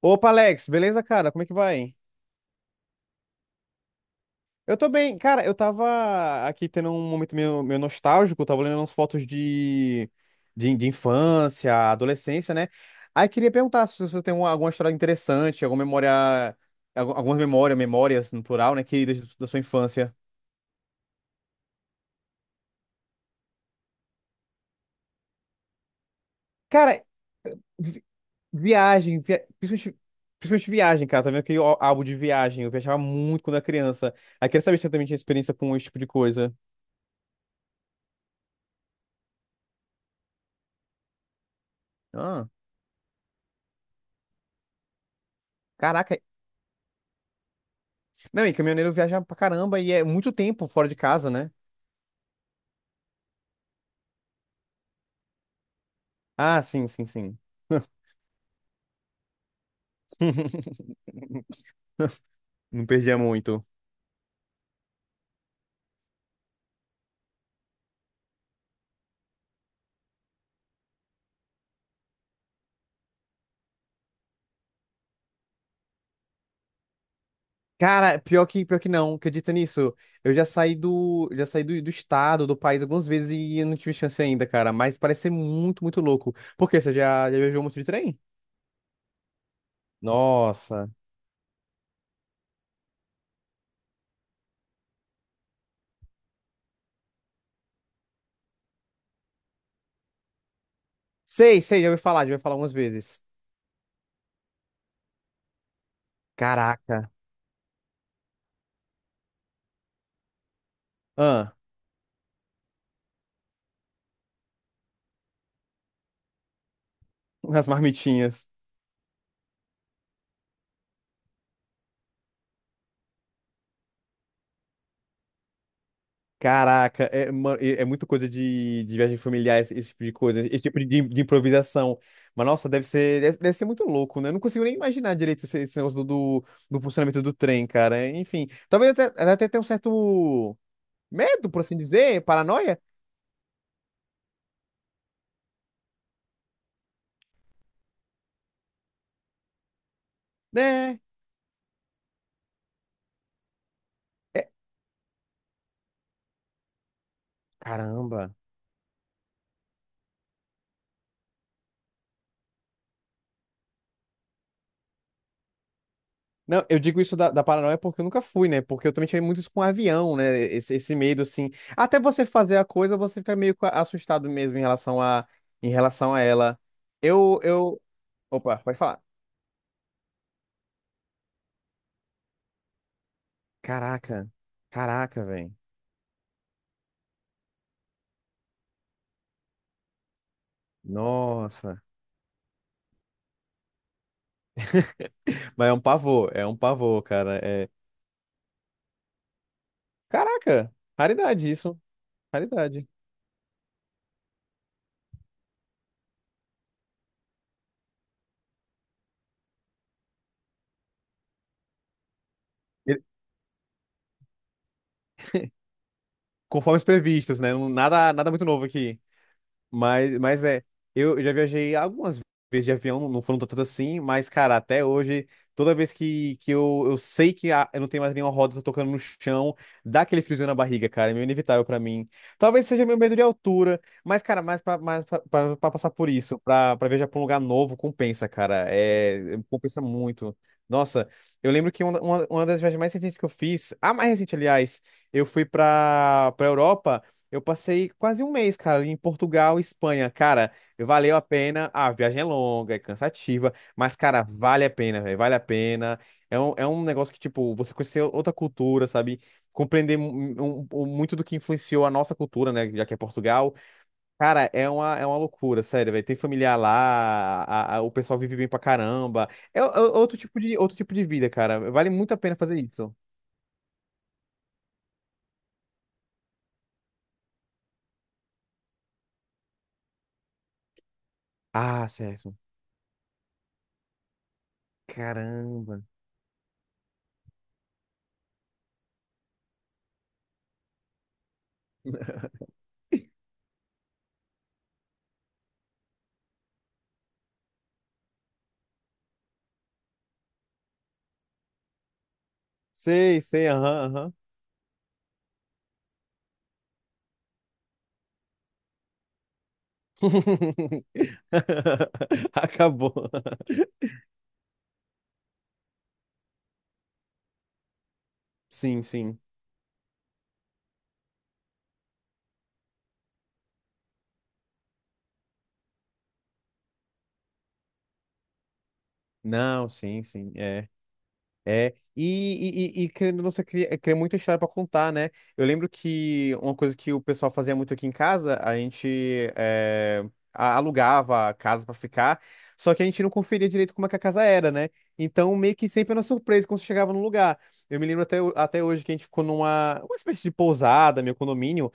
Opa, Alex, beleza, cara? Como é que vai? Eu tô bem. Cara, eu tava aqui tendo um momento meio nostálgico, tava olhando umas fotos de infância, adolescência, né? Aí queria perguntar se você tem alguma história interessante, alguma memória, memórias no plural, né, queridas da sua infância. Cara, vi- viagem, principalmente viagem, cara. Tá vendo que o álbum de viagem, eu viajava muito quando era criança. Aí queria saber se você também tinha experiência com esse tipo de coisa. Ah. Caraca, não, e caminhoneiro viaja pra caramba e é muito tempo fora de casa, né? Ah, sim, sim, sim. Não perdia muito. Cara, pior que não, acredita nisso? Eu já saí do estado, do país algumas vezes e eu não tive chance ainda, cara. Mas parece ser muito, muito louco. Por quê? Você já viajou muito de trem? Nossa. Sei, sei, já ouvi falar algumas vezes. Caraca. Ah, as marmitinhas. Caraca, é, é muito coisa de viagem familiar, esse tipo de coisa, esse tipo de improvisação. Mas, nossa, deve ser muito louco, né? Eu não consigo nem imaginar direito esse negócio do funcionamento do trem, cara. Enfim, talvez até tenha um certo medo, por assim dizer, paranoia, né? É, caramba. Não, eu digo isso da paranoia porque eu nunca fui, né? Porque eu também tive muito isso com avião, né? Esse medo, assim. Até você fazer a coisa, você fica meio que assustado mesmo em relação a ela. Eu, eu, Opa, pode falar. Caraca, caraca, velho. Nossa. Mas é um pavor, cara. É. Caraca, raridade isso, raridade. E- Conforme os previstos, né? Nada, nada muito novo aqui. Mas é, eu já viajei algumas vezes de avião, não foram tantas assim, mas, cara, até hoje, toda vez que eu sei que eu não tenho mais nenhuma roda, tô tocando no chão, dá aquele friozinho na barriga, cara, é meio inevitável pra mim. Talvez seja meu medo de altura, mas, cara, pra passar por isso, pra viajar pra um lugar novo, compensa, cara, compensa muito. Nossa, eu lembro que uma das viagens mais recentes que eu fiz, a mais recente, aliás, eu fui pra Europa. Eu passei quase um mês, cara, ali em Portugal, Espanha. Cara, valeu a pena. A viagem é longa, é cansativa, mas, cara, vale a pena, velho. Vale a pena. É um negócio que, tipo, você conhecer outra cultura, sabe? Compreender muito do que influenciou a nossa cultura, né? Já que é Portugal. Cara, é uma loucura, sério, velho. Tem familiar lá, o pessoal vive bem pra caramba. É, é outro tipo de vida, cara. Vale muito a pena fazer isso. Ah, certo. Caramba. Sei, sei, aham, aham. Acabou. Sim, sim. Não, sim, sim. É. É, e querendo ou não, você cria muita história pra contar, né? Eu lembro que uma coisa que o pessoal fazia muito aqui em casa, a gente alugava a casa pra ficar, só que a gente não conferia direito como é que a casa era, né? Então, meio que sempre era uma surpresa quando você chegava no lugar. Eu me lembro até hoje que a gente ficou numa uma espécie de pousada, meu condomínio,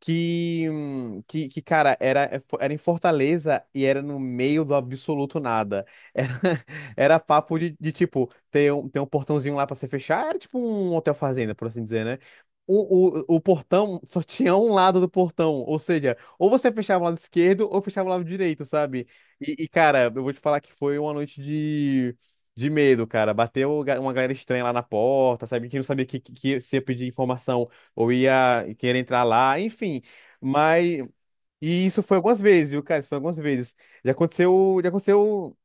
que cara, era em Fortaleza e era no meio do absoluto nada. Era, era papo de tipo tem um portãozinho lá pra você fechar. Era tipo um hotel fazenda, por assim dizer, né? O portão só tinha um lado do portão, ou seja, ou você fechava o lado esquerdo ou fechava o lado direito, sabe? Cara, eu vou te falar que foi uma noite de medo, cara. Bateu uma galera estranha lá na porta, sabe? Que não sabia que se ia pedir informação ou ia querer entrar lá, enfim. Mas. E isso foi algumas vezes, viu, cara? Isso foi algumas vezes. Já aconteceu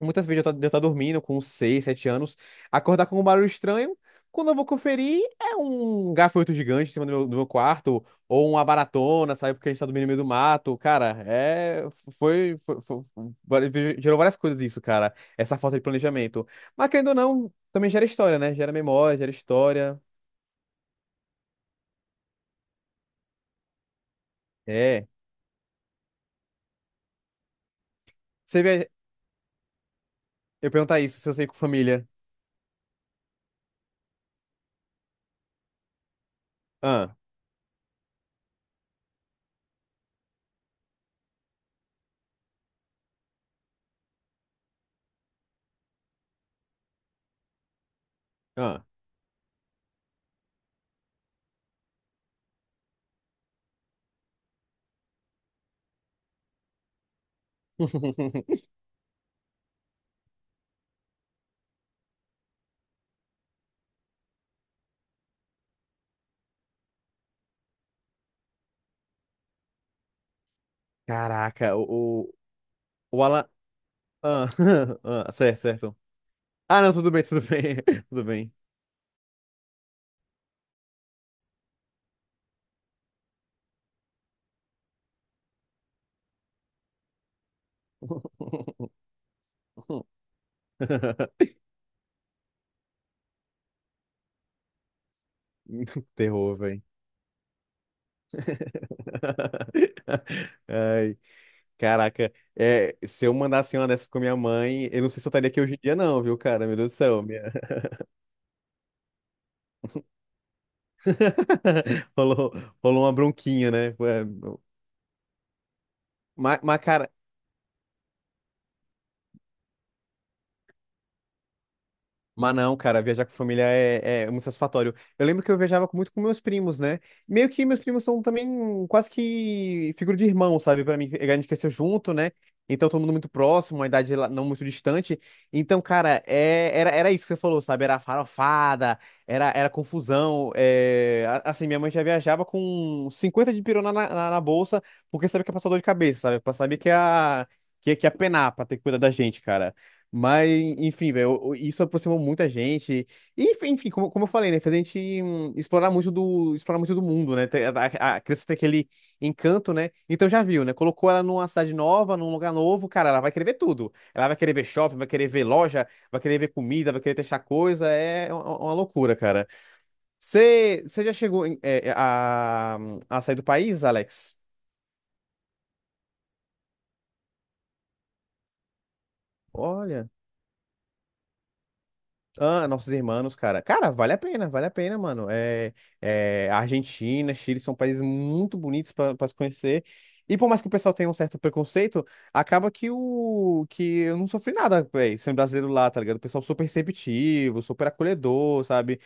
muitas vezes eu estou dormindo com 6 7 anos, acordar com um barulho estranho. Quando eu vou conferir, é um gafanhoto gigante em cima do meu quarto, ou uma baratona, sabe? Porque a gente tá dormindo no meio do mato. Cara, é. Gerou várias coisas isso, cara. Essa falta de planejamento. Mas querendo ou não, também gera história, né? Gera memória, gera história. É. Você vê. Eu ia perguntar isso, se eu sair com família. Ah, ah. Caraca, o Alan. Ah, ah, certo, certo. Ah, não, tudo bem, tudo bem. Tudo bem. Terror, velho. Ai, caraca. É, se eu mandasse uma dessa com minha mãe, eu não sei se eu estaria aqui hoje em dia, não, viu, cara? Meu Deus do céu. Rolou, rolou uma bronquinha, né? Mas, mas, cara, Mas não, cara, viajar com família é muito satisfatório. Eu lembro que eu viajava muito com meus primos, né? Meio que meus primos são também quase que figura de irmão, sabe? Pra mim, a gente cresceu junto, né? Então, todo mundo muito próximo, uma idade não muito distante. Então, cara, era isso que você falou, sabe? Era farofada, era confusão. Assim, minha mãe já viajava com 50 de pirona na, na bolsa, porque sabia que ia passar dor de cabeça, sabe? Sabia que ia penar pra ter que cuidar da gente, cara. Mas, enfim, velho, isso aproximou muita gente. E, enfim, como eu falei, né? Fez a gente explorar muito do mundo, né? A criança tem aquele encanto, né? Então já viu, né? Colocou ela numa cidade nova, num lugar novo, cara, ela vai querer ver tudo. Ela vai querer ver shopping, vai querer ver loja, vai querer ver comida, vai querer testar coisa. É uma loucura, cara. Você já chegou a sair do país, Alex? Olha. Ah, nossos irmãos, cara. Cara, vale a pena, mano. Argentina, Chile são países muito bonitos para se conhecer. E por mais que o pessoal tenha um certo preconceito, acaba que o que eu não sofri nada, velho, sendo brasileiro lá, tá ligado? O pessoal super receptivo, super acolhedor, sabe?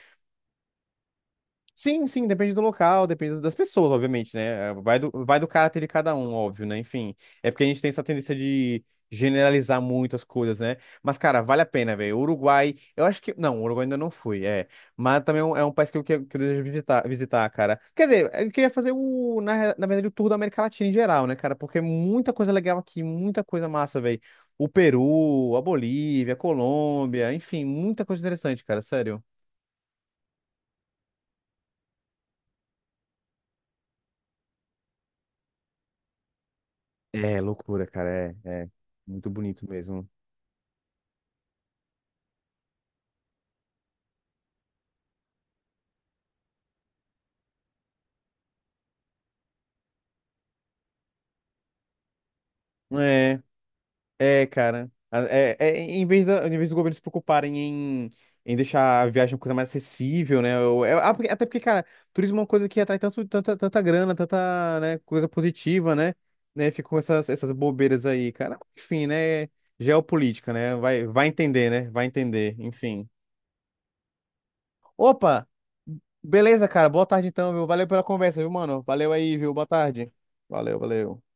Sim, sim, depende do local, depende das pessoas, obviamente, né? Vai do caráter de cada um, óbvio, né? Enfim, é porque a gente tem essa tendência de generalizar muito as coisas, né? Mas, cara, vale a pena, velho. Uruguai, eu acho que. Não, Uruguai ainda não fui, é. Mas também é um país que eu desejo visitar, visitar, cara. Quer dizer, eu queria fazer na verdade, o tour da América Latina em geral, né, cara? Porque é muita coisa legal aqui, muita coisa massa, velho. O Peru, a Bolívia, a Colômbia, enfim, muita coisa interessante, cara, sério. É, loucura, cara. É, é. Muito bonito mesmo. É, é, cara. Em vez dos governos se preocuparem em deixar a viagem uma coisa mais acessível, né? Até porque, cara, turismo é uma coisa que atrai tanta grana, tanta, né, coisa positiva, né? Né, ficam com essas, bobeiras aí, cara. Enfim, né? Geopolítica, né? Vai entender, né? Vai entender, enfim. Opa! Beleza, cara. Boa tarde então, viu? Valeu pela conversa, viu, mano? Valeu aí, viu? Boa tarde. Valeu, valeu.